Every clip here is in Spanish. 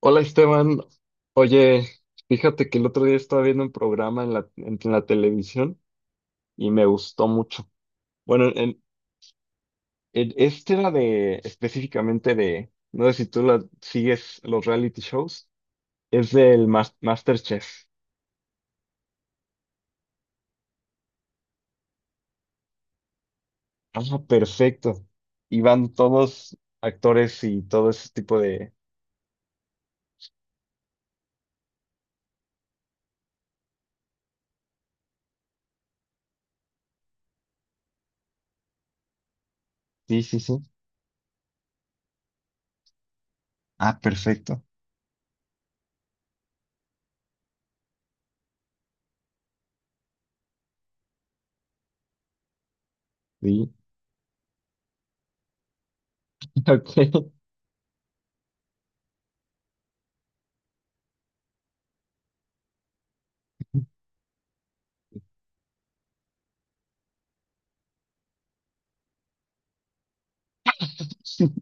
Hola Esteban, oye, fíjate que el otro día estaba viendo un programa en la televisión y me gustó mucho. Bueno, este era de específicamente de, no sé si tú sigues los reality shows, es del MasterChef. Ah, perfecto. Y van todos actores y todo ese tipo de... Sí, sí, sí. Ah, perfecto. Sí, ok. Sí,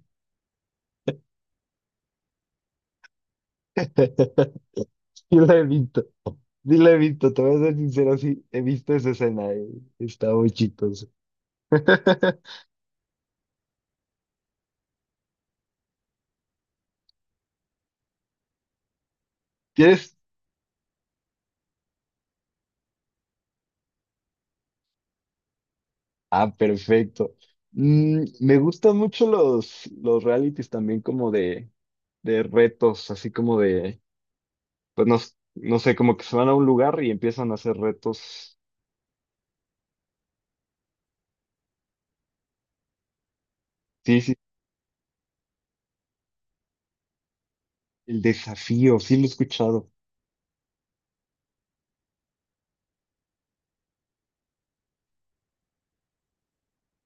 la he visto. Sí la he visto, te voy a ser sincero, sí, he visto esa escena, está muy chistoso. ¿Quieres? Ah, perfecto. Mm, me gustan mucho los realities también como de retos, así como de, pues no, no sé, como que se van a un lugar y empiezan a hacer retos. Sí, sí, el desafío, sí lo he escuchado.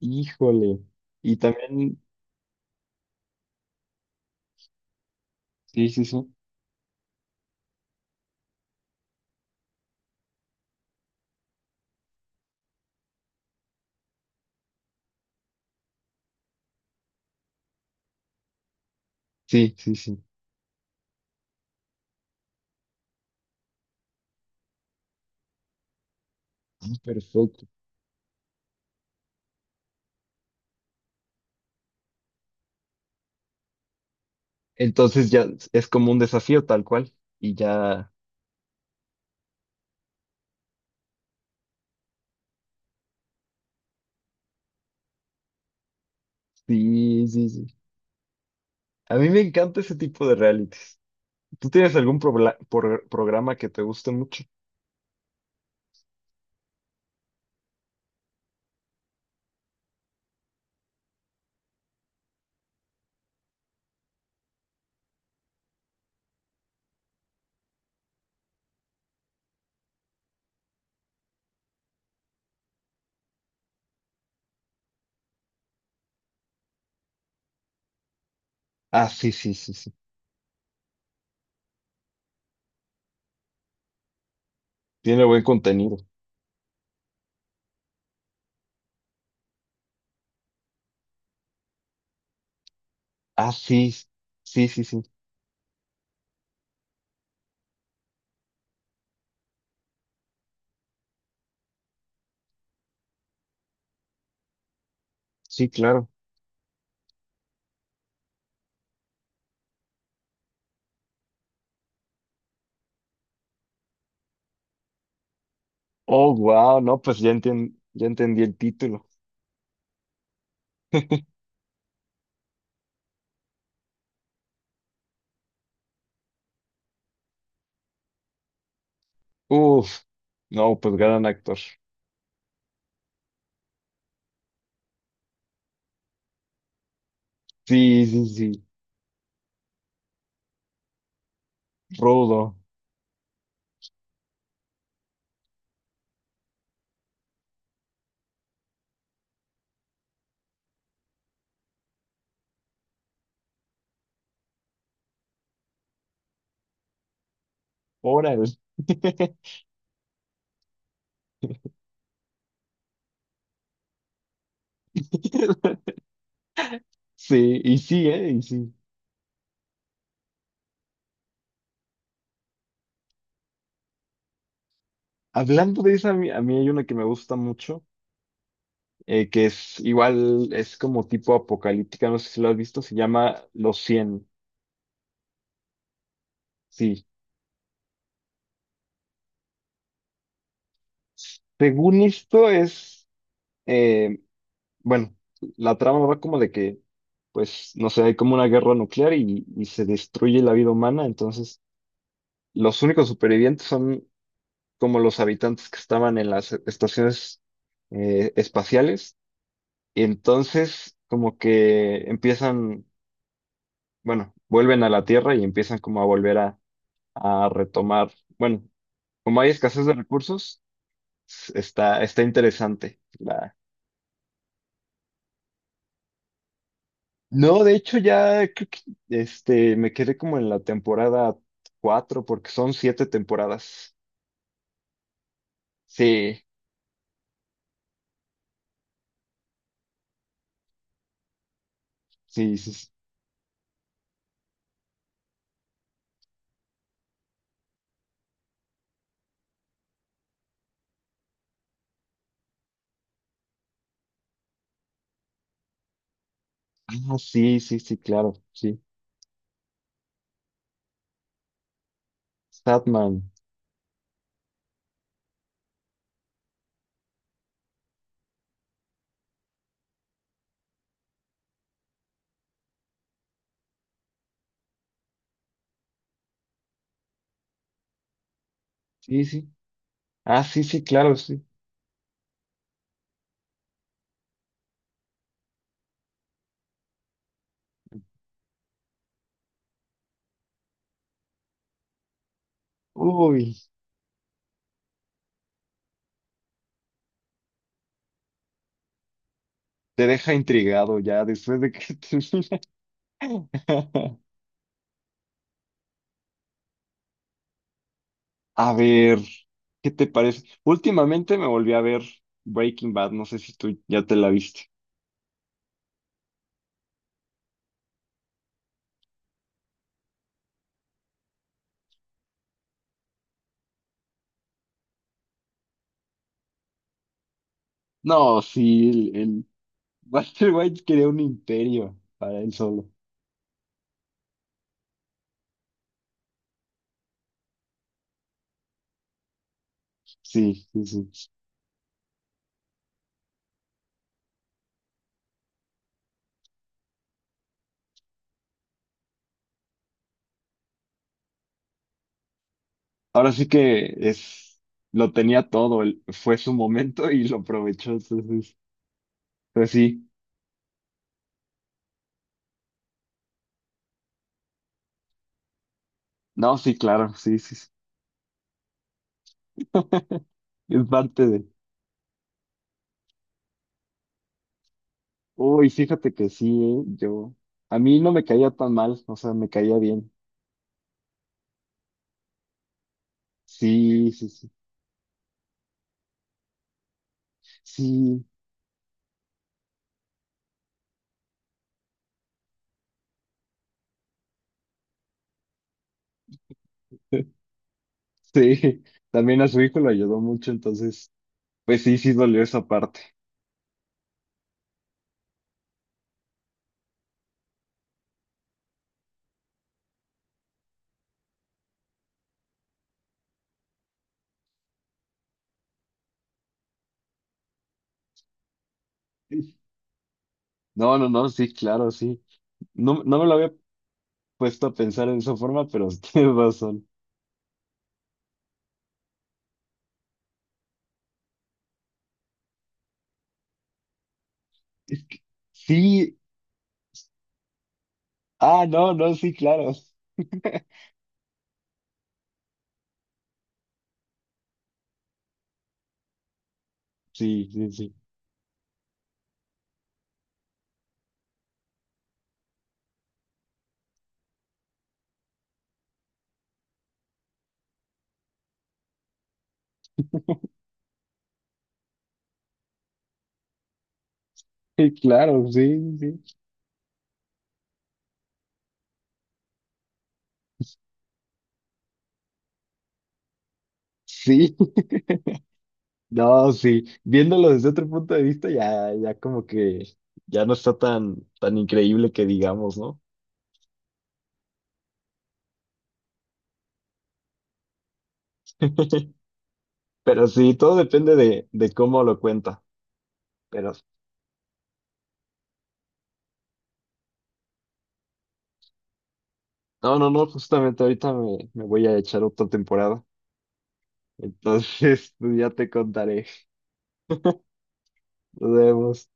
Híjole. Y también, sí, sí, sí. Sí, sí, sí. Perfecto. Entonces ya es como un desafío tal cual y ya. Sí, sí, sí. A mí me encanta ese tipo de reality. ¿Tú tienes algún programa que te guste mucho? Ah, sí, sí, sí, sí. Tiene buen contenido. Ah, sí, sí, sí, sí. Sí, claro. Oh, wow, no, pues ya ya entendí el título. Uf, no, pues gran actor. Sí, sí, sí. Rudo. Órale. Sí, y sí, y sí. Hablando de esa, a mí hay una que me gusta mucho, que es igual, es como tipo apocalíptica, no sé si lo has visto, se llama Los 100. Sí. Según esto es, eh, bueno, la trama va como de que, pues, no sé, hay como una guerra nuclear y se destruye la vida humana, entonces los únicos supervivientes son como los habitantes que estaban en las estaciones espaciales, y entonces como que empiezan, bueno, vuelven a la Tierra y empiezan como a volver a retomar, bueno, como hay escasez de recursos, está, está interesante. La- No, de hecho ya creo que este, me quedé como en la temporada 4 porque son 7 temporadas. Sí, sí, sí. Sí. Ah, sí, sí, sí, claro, sí. Statman, sí, sí. Ah, sí, sí, claro, sí. Uy, te deja intrigado ya después de que termina. A ver, ¿qué te parece? Últimamente me volví a ver Breaking Bad, no sé si tú ya te la viste. No, sí, el. Walter White quería un imperio para él solo. Sí, sí, sí. Ahora sí que es, lo tenía todo, él- fue su momento y lo aprovechó. Entonces, pues sí, no, sí, claro, sí, sí, sí. Es parte de. Uy, fíjate que sí, yo. A mí no me caía tan mal, o sea, me caía bien. Sí, sí, sí. Sí, sí. También a su hijo lo ayudó mucho, entonces, pues sí, sí dolió esa parte. Sí. No, no, no, sí, claro, sí. No, no me lo había puesto a pensar en esa forma, pero tienes razón. Sí, ah, no, no, sí, claro. Sí, sí, sí. Sí, claro, sí, sí. Sí, no, sí. Viéndolo desde otro punto de vista, ya, ya como que ya no está tan, tan increíble que digamos, ¿no? Pero sí, todo depende de cómo lo cuenta. Pero no, no, no, justamente ahorita me voy a echar otra temporada. Entonces, pues ya te contaré. Nos vemos.